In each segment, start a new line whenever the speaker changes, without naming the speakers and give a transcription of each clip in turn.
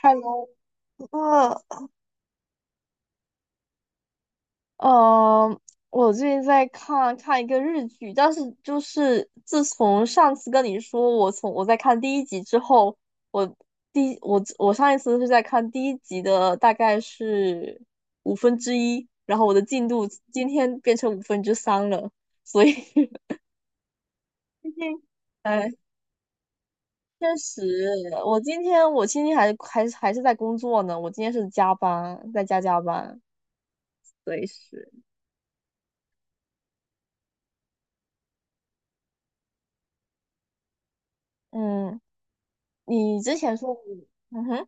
哈喽，o 呃，我最近在看看一个日剧，但是就是自从上次跟你说我在看第一集之后，我第我我上一次是在看第一集的大概是1/5，然后我的进度今天变成3/5了，所以 最近，哎，确实，我今天还是在工作呢，我今天是加班，在加班，所以是。嗯。你之前说你。嗯哼。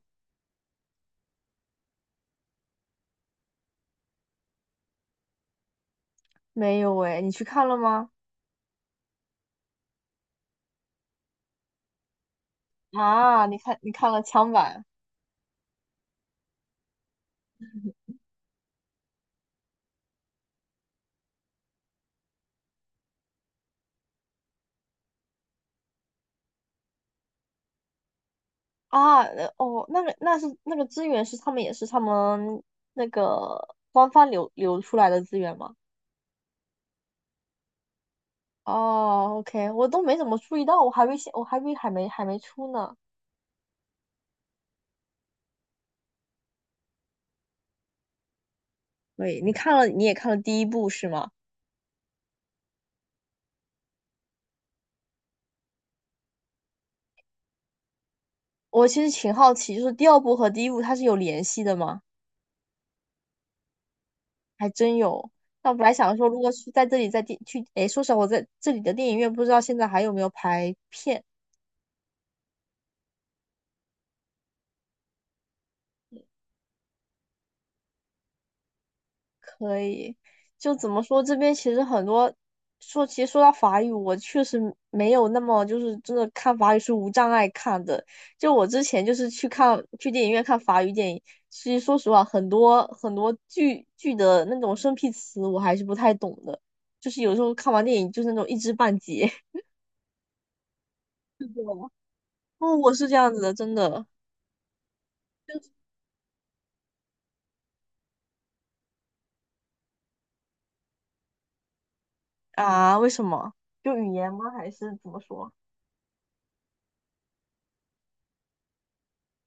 没有诶，你去看了吗？啊，你看了枪版。啊？哦，那是那个资源是他们也是他们那个官方流出来的资源吗？哦，OK，我都没怎么注意到，我还没出呢。对，你也看了第一部是吗？我其实挺好奇，就是第二部和第一部它是有联系的吗？还真有。那我本来想说，如果是在这里在电去，诶，说实话，我在这里的电影院不知道现在还有没有排片。可以，就怎么说，这边其实很多说，其实说到法语，我确实没有那么就是真的看法语是无障碍看的。就我之前就是去电影院看法语电影，其实说实话，很多很多剧的那种生僻词我还是不太懂的，就是有时候看完电影就是那种一知半解。是的。哦，我是这样子的，真的。啊？为什么？就语言吗？还是怎么说？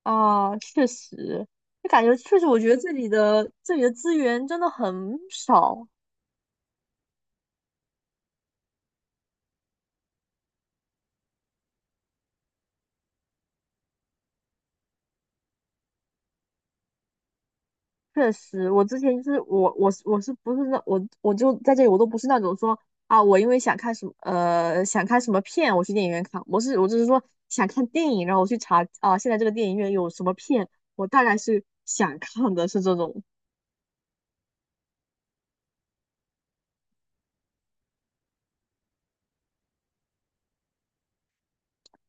啊，确实，就感觉确实，我觉得这里的资源真的很少。确实，我之前就是我我是我是不是那我就在这里，我都不是那种说啊，我因为想看什么片，我去电影院看。我是只是说想看电影，然后我去查啊，现在这个电影院有什么片，我大概是想看的是这种。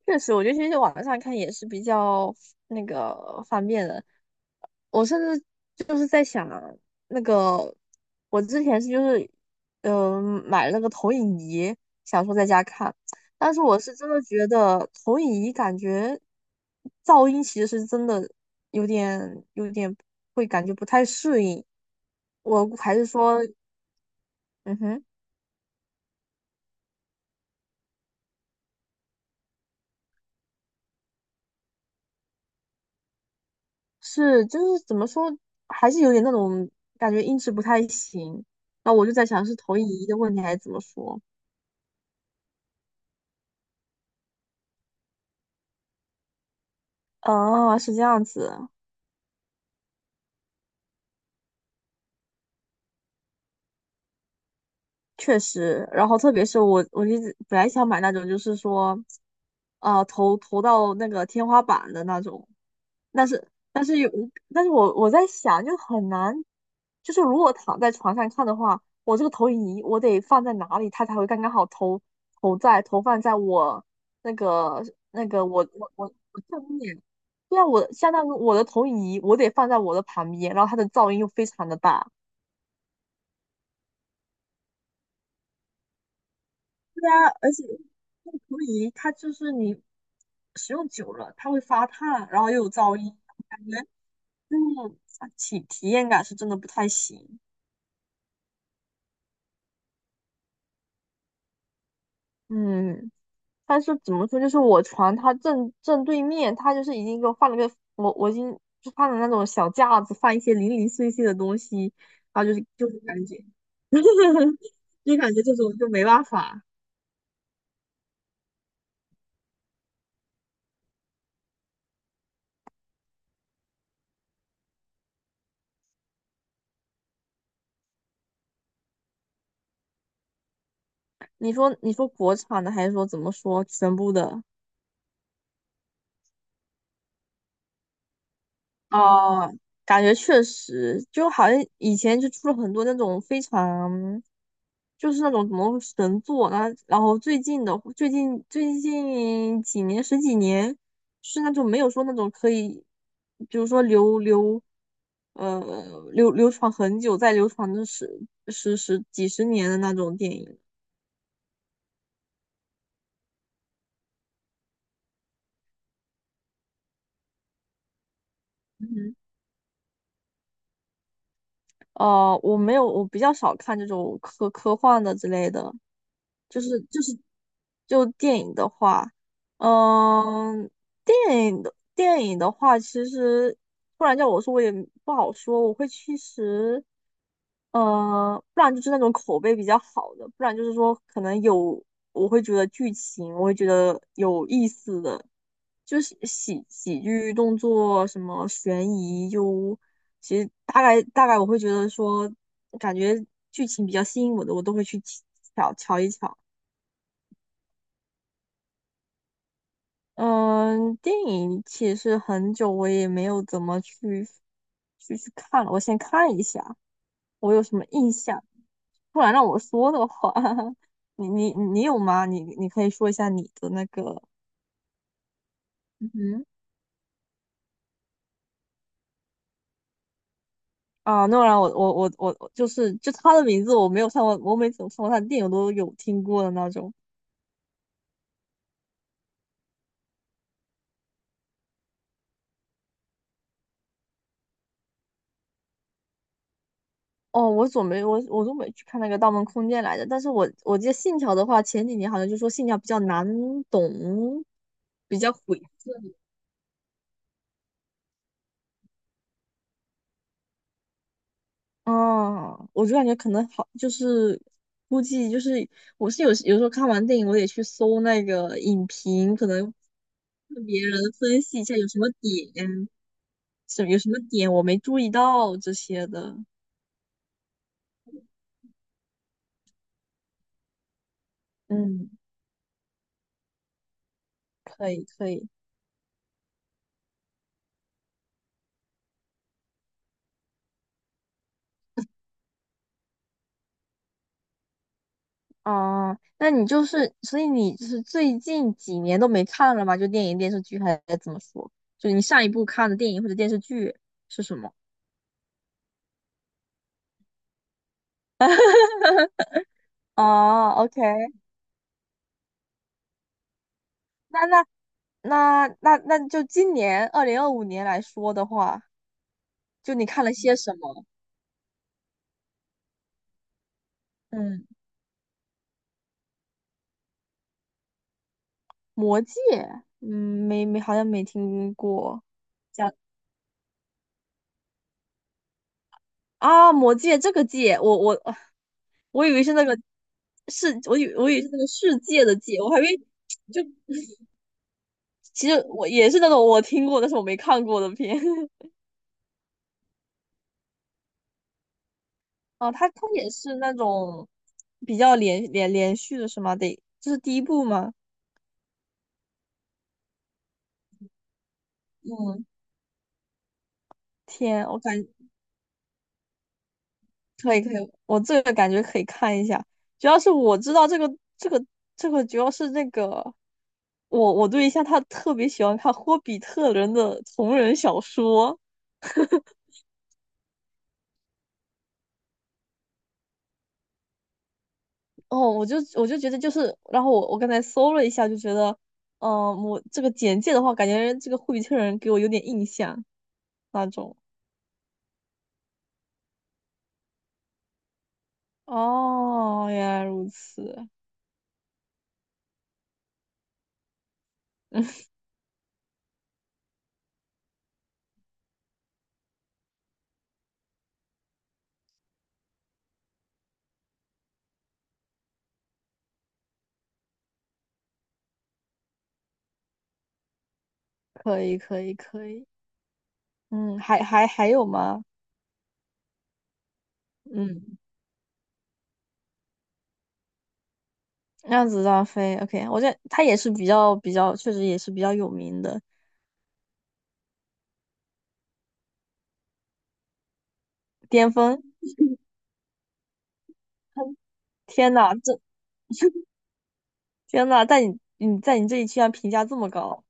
确实，我觉得其实网上看也是比较那个方便的。我甚至就是在想，那个我之前是就是，买了个投影仪，想说在家看，但是我是真的觉得投影仪感觉噪音其实是真的有点会感觉不太适应，我还是说，嗯哼，是就是怎么说，还是有点那种感觉音质不太行，那我就在想是投影仪的问题还是怎么说？哦，是这样子。确实，然后特别是我，我一直本来想买那种，就是说，投到那个天花板的那种，但是有，但是我在想，就很难，就是如果躺在床上看的话，我这个投影仪我得放在哪里，它才会刚刚好投投在投放在我那个那个我我我我正面，对啊，我相当于我的投影仪我得放在我的旁边，然后它的噪音又非常的大。对啊，而且那个陀椅它就是你使用久了，它会发烫，然后又有噪音，感觉，种体验感是真的不太行。嗯。但是怎么说，就是我床它正正对面，它就是已经给我放了个我已经就放了那种小架子，放一些零零碎碎的东西，然后就是感觉，就感觉这种就没办法。你说国产的还是说怎么说全部的？哦，感觉确实，就好像以前就出了很多那种非常，就是那种什么神作啊，然后最近的最近最近几年十几年是那种没有说那种可以，比如说呃流传很久再流传的十几年的那种电影。哦，我没有，我比较少看这种科幻的之类的，就是就是就电影的话，嗯、电影的话，其实不然叫我说我也不好说，我会其实，不然就是那种口碑比较好的，不然就是说可能有我会觉得剧情我会觉得有意思的，就是喜剧、动作、什么悬疑，就其实大概我会觉得说，感觉剧情比较吸引我的，我都会去瞧瞧一瞧。嗯。电影其实很久我也没有怎么去看了，我先看一下我有什么印象。不然让我说的话，你有吗？你可以说一下你的那个。嗯哼。啊，诺兰，我就是就他的名字我没有看过，我每次我看过他的电影我都有听过的那种。哦，我都没去看那个《盗梦空间》来着，但是我记得《信条》的话，前几年好像就说《信条》比较难懂，比较毁。哦，我就感觉可能好，就是估计就是有时候看完电影，我得去搜那个影评，可能看别人分析一下有什么点，是有什么点我没注意到这些的。嗯，可以可以，啊，那你就是，所以你就是最近几年都没看了吗？就电影、电视剧还是怎么说？就你上一部看的电影或者电视剧是什么？哦，OK，那那那就今年2025年来说的话，就你看了些什么？嗯，《魔戒》。嗯，没，好像没听过。讲啊，《魔戒》这个戒，我以为是那个世，我以为是那个世界的界，我还以为 就。其实我也是那种我听过但是我没看过的片。哦，它也是那种比较连续的是吗？得，这是第一部吗？嗯，天，可以可以，我这个感觉可以看一下。主要是我知道这个这个，主要是那个我对象他特别喜欢看《霍比特人》的同人小说。哦，我就觉得就是，然后我刚才搜了一下，就觉得，嗯、我这个简介的话，感觉这个霍比特人给我有点印象。那种。哦，原来如此，可以，可以，可以。嗯，还有吗？嗯，让子弹飞。OK，我觉得他也是比较，确实也是比较有名的巅峰。天呐，这 天呐，在你这里居然评价这么高。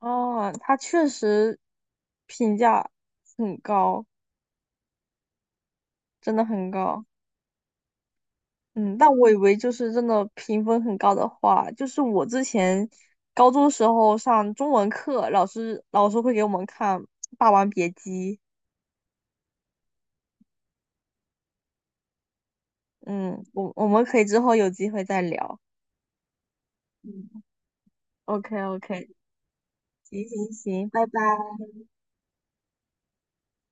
哦，他确实评价很高，真的很高。嗯，但我以为就是真的评分很高的话，就是我之前高中时候上中文课，老师会给我们看《霸王别姬》。嗯，我们可以之后有机会再聊。嗯 OK OK，行行行，拜拜。